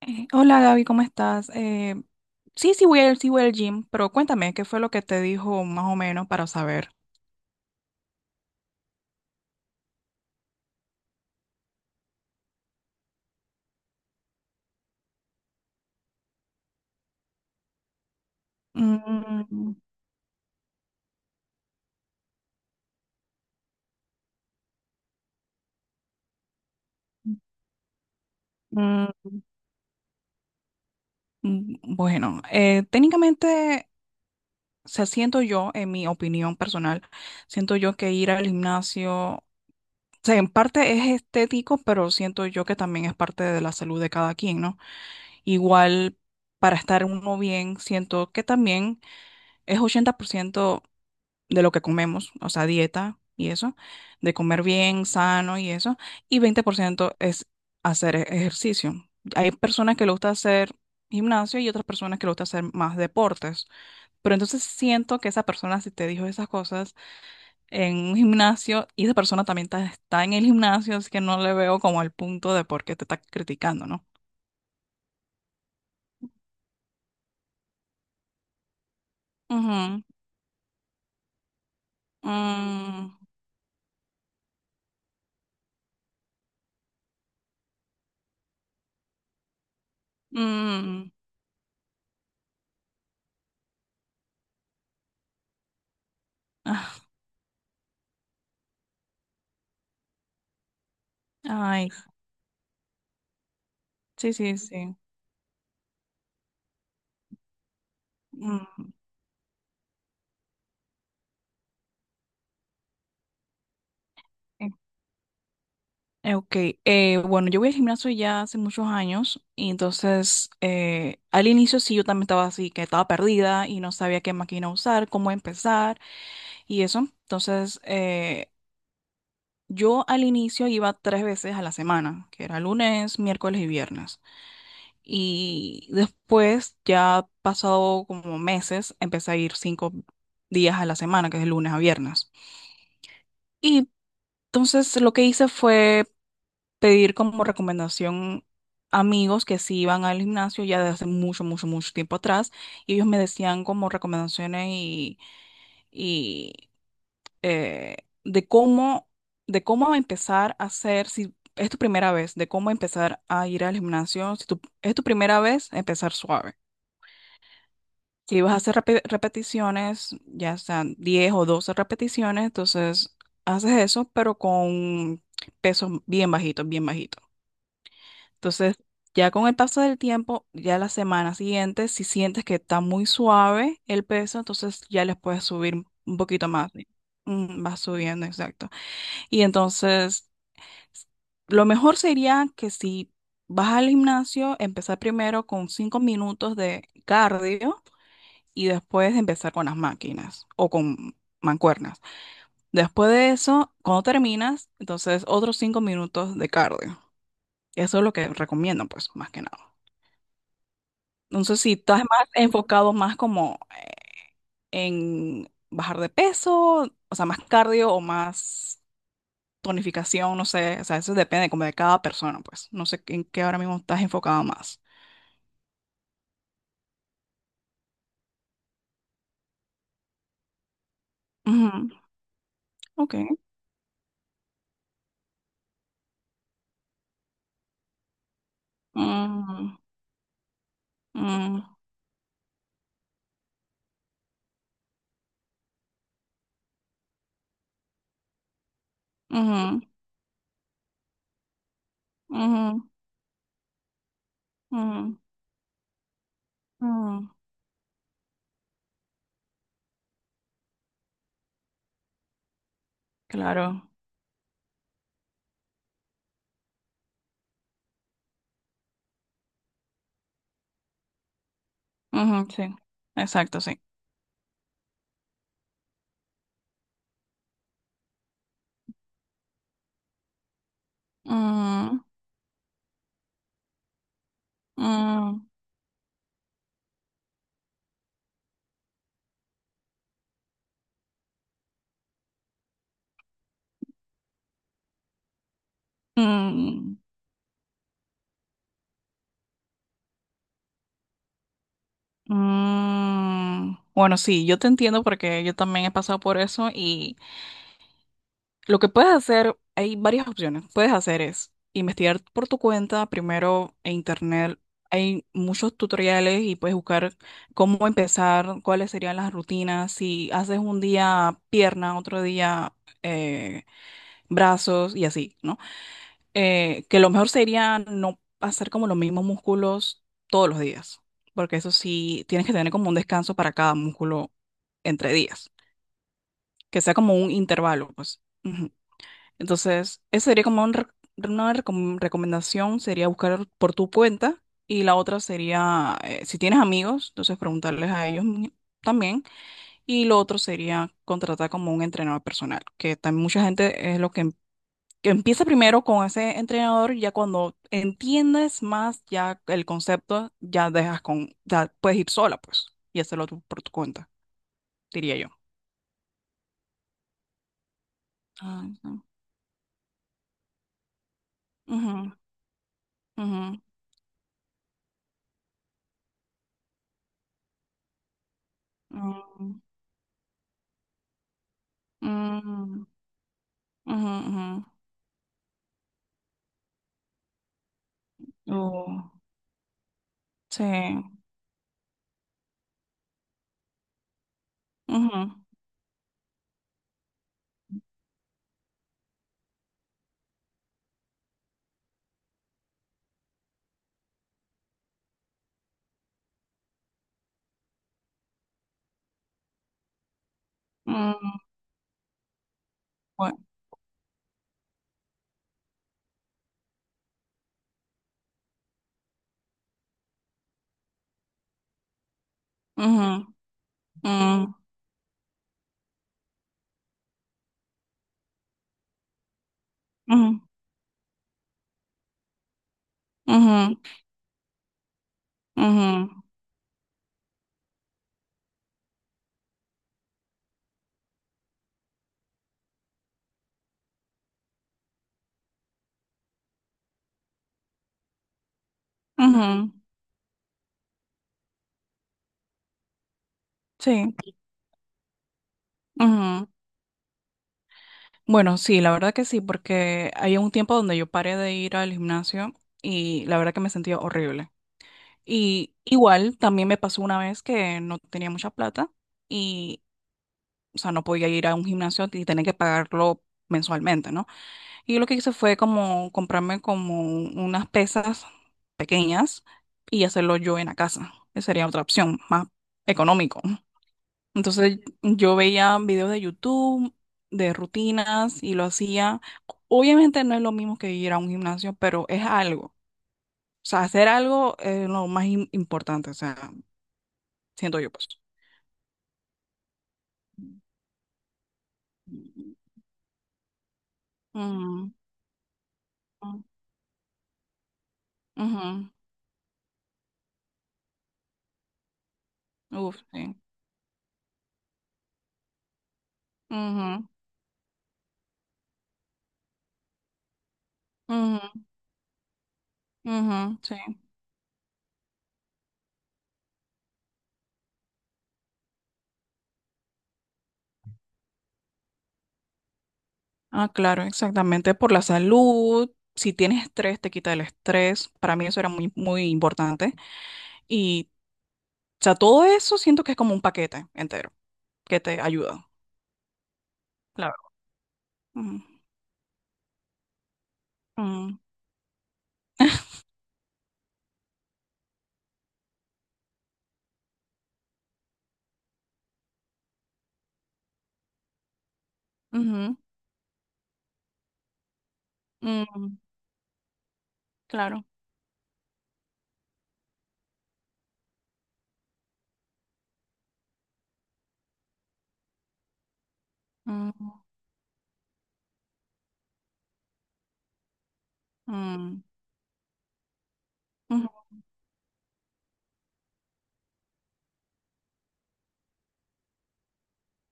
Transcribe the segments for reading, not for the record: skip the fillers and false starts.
Hola Gaby, ¿cómo estás? Sí, sí voy al gym, pero cuéntame, ¿qué fue lo que te dijo más o menos para saber? Mm, mm, mm, bueno, técnicamente, o sea, siento yo, en mi opinión personal, siento yo que ir al gimnasio, o sea, en parte es estético, pero siento yo que también es parte de la salud de cada quien, ¿no? Igual, para estar uno bien, siento que también es 80% de lo que comemos, o sea, dieta y eso, de comer bien, sano y eso, y 20% es hacer ejercicio. Hay personas que le gusta hacer gimnasio y otras personas que le gusta hacer más deportes, pero entonces siento que esa persona si te dijo esas cosas en un gimnasio y esa persona también está en el gimnasio, así que no le veo como el punto de por qué te está criticando, ¿no? Ujú. Mm. Mm. Ah. Ay. Sí, sí, sí. Mm. Ok, bueno, yo voy al gimnasio ya hace muchos años y entonces al inicio sí yo también estaba así, que estaba perdida y no sabía qué máquina usar, cómo empezar y eso. Entonces, yo al inicio iba 3 veces a la semana, que era lunes, miércoles y viernes. Y después, ya pasado como meses, empecé a ir 5 días a la semana, que es de lunes a viernes. Y entonces lo que hice fue pedir como recomendación amigos que sí iban al gimnasio ya desde hace mucho, mucho, mucho tiempo atrás, y ellos me decían como recomendaciones y, y eh, de cómo, de cómo empezar a hacer, si es tu primera vez, de cómo empezar a ir al gimnasio, si es tu primera vez, empezar suave. Si vas a hacer repeticiones, ya sean 10 o 12 repeticiones, entonces haces eso, pero con pesos bien bajitos, bien bajitos. Entonces, ya con el paso del tiempo, ya la semana siguiente, si sientes que está muy suave el peso, entonces ya les puedes subir un poquito más. Mm, va subiendo, exacto. Y entonces, s- lo mejor sería que si vas al gimnasio, empezar primero con 5 minutos de cardio y después empezar con las máquinas o con mancuernas. Después de eso, cuando terminas, entonces otros 5 minutos de cardio. Eso es lo que recomiendo, pues, más que nada. Entonces, si estás más enfocado más como en bajar de peso, o sea, más cardio o más tonificación, no sé, o sea, eso depende como de cada persona, pues. No sé en qué ahora mismo estás enfocado más. Ujú. Ok. Mm. Mm. Ujú. Ujú. Ujú. Ujú. Claro. Ujú, sí. Exacto, sí. Mm. Mm. Mm. Mm. Bueno, sí, yo te entiendo porque yo también he pasado por eso. Lo que puedes hacer, hay varias opciones. Puedes hacer es investigar por tu cuenta, primero en internet. Hay muchos tutoriales y puedes buscar cómo empezar, cuáles serían las rutinas, si haces un día pierna, otro día eh, brazos y así, ¿no? Que lo mejor sería no hacer como los mismos músculos todos los días, porque eso sí, tienes que tener como un descanso para cada músculo entre días, que sea como un intervalo, pues. Ujú. Entonces, esa sería como una recomendación, sería buscar por tu cuenta. Y la otra sería, si tienes amigos, entonces preguntarles a ellos también. Y lo otro sería contratar como un entrenador personal, que también mucha gente es lo que, que empieza primero con ese entrenador, ya cuando entiendes más ya el concepto, ya dejas con, ya puedes ir sola, pues, y hacerlo tú por tu cuenta, diría yo. Ah. Ujú. Ujú. Ujú. Ujú. Ujú. Ujú. Ujú. Uh, sí. Ujú. Mm, bueno. Ujú. Mm. Ujú. Ujú. Ujú. Ujú. Sí. Ujú. Bueno, sí, la verdad que sí, porque había un tiempo donde yo paré de ir al gimnasio y la verdad que me sentía horrible. Y igual también me pasó una vez que no tenía mucha plata y, o sea, no podía ir a un gimnasio y tenía que pagarlo mensualmente, ¿no? Y yo lo que hice fue como comprarme como unas pesas pequeñas y hacerlo yo en la casa. Esa sería otra opción, más económico. Entonces yo veía videos de YouTube, de rutinas y lo hacía. Obviamente no es lo mismo que ir a un gimnasio, pero es algo. O sea, hacer algo es lo más importante, o sea, siento yo pues. Mm. Mm. Ujú. Uf, sí. Ujú. Ujú. Ujú, sí. Ah, claro, exactamente. Por la salud, si tienes estrés, te quita el estrés. Para mí eso era muy, muy importante. Y, o sea, todo eso siento que es como un paquete entero que te ayuda. Claro. Mm. Mm. ujú. Mm, claro. Mm. Mm. Ujú.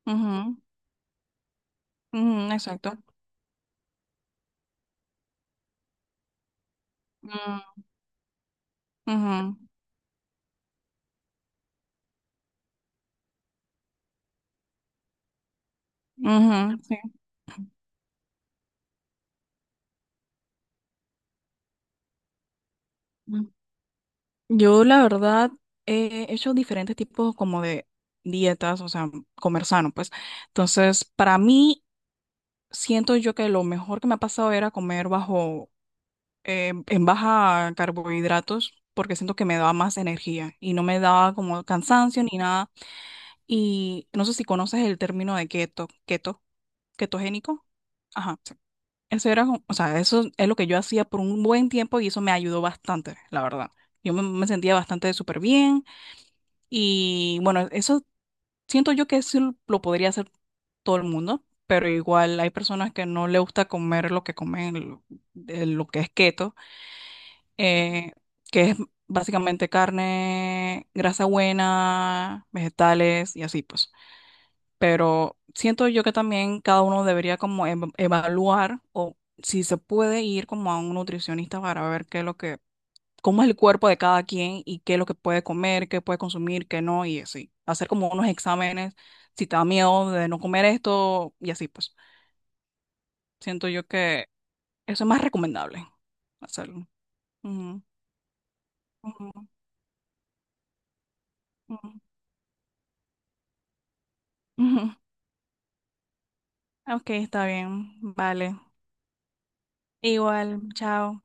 Ujú. Ujú, exacto. Mm. Ujú. Ujú, sí. Mm. Yo, la verdad, he hecho diferentes tipos como de dietas, o sea, comer sano, pues. Entonces, para mí siento yo que lo mejor que me ha pasado era comer bajo, en baja carbohidratos, porque siento que me daba más energía y no me daba como cansancio ni nada. Y no sé si conoces el término de keto, ketogénico. Ajá, sí. Eso era, o sea, eso es lo que yo hacía por un buen tiempo y eso me ayudó bastante, la verdad. Yo me, me sentía bastante súper bien y bueno, eso. Siento yo que sí lo podría hacer todo el mundo, pero igual hay personas que no le gusta comer lo que comen, lo que es keto, eh, que es básicamente carne, grasa buena, vegetales y así pues. Pero siento yo que también cada uno debería como evaluar o si se puede ir como a un nutricionista para ver qué es lo que cómo es el cuerpo de cada quien y qué es lo que puede comer, qué puede consumir, qué no, y así. Hacer como unos exámenes, si te da miedo de no comer esto, y así pues. Siento yo que eso es más recomendable hacerlo. Ujú. Ujú. Ujú. Ujú. Ok, está bien, vale. Igual, chao.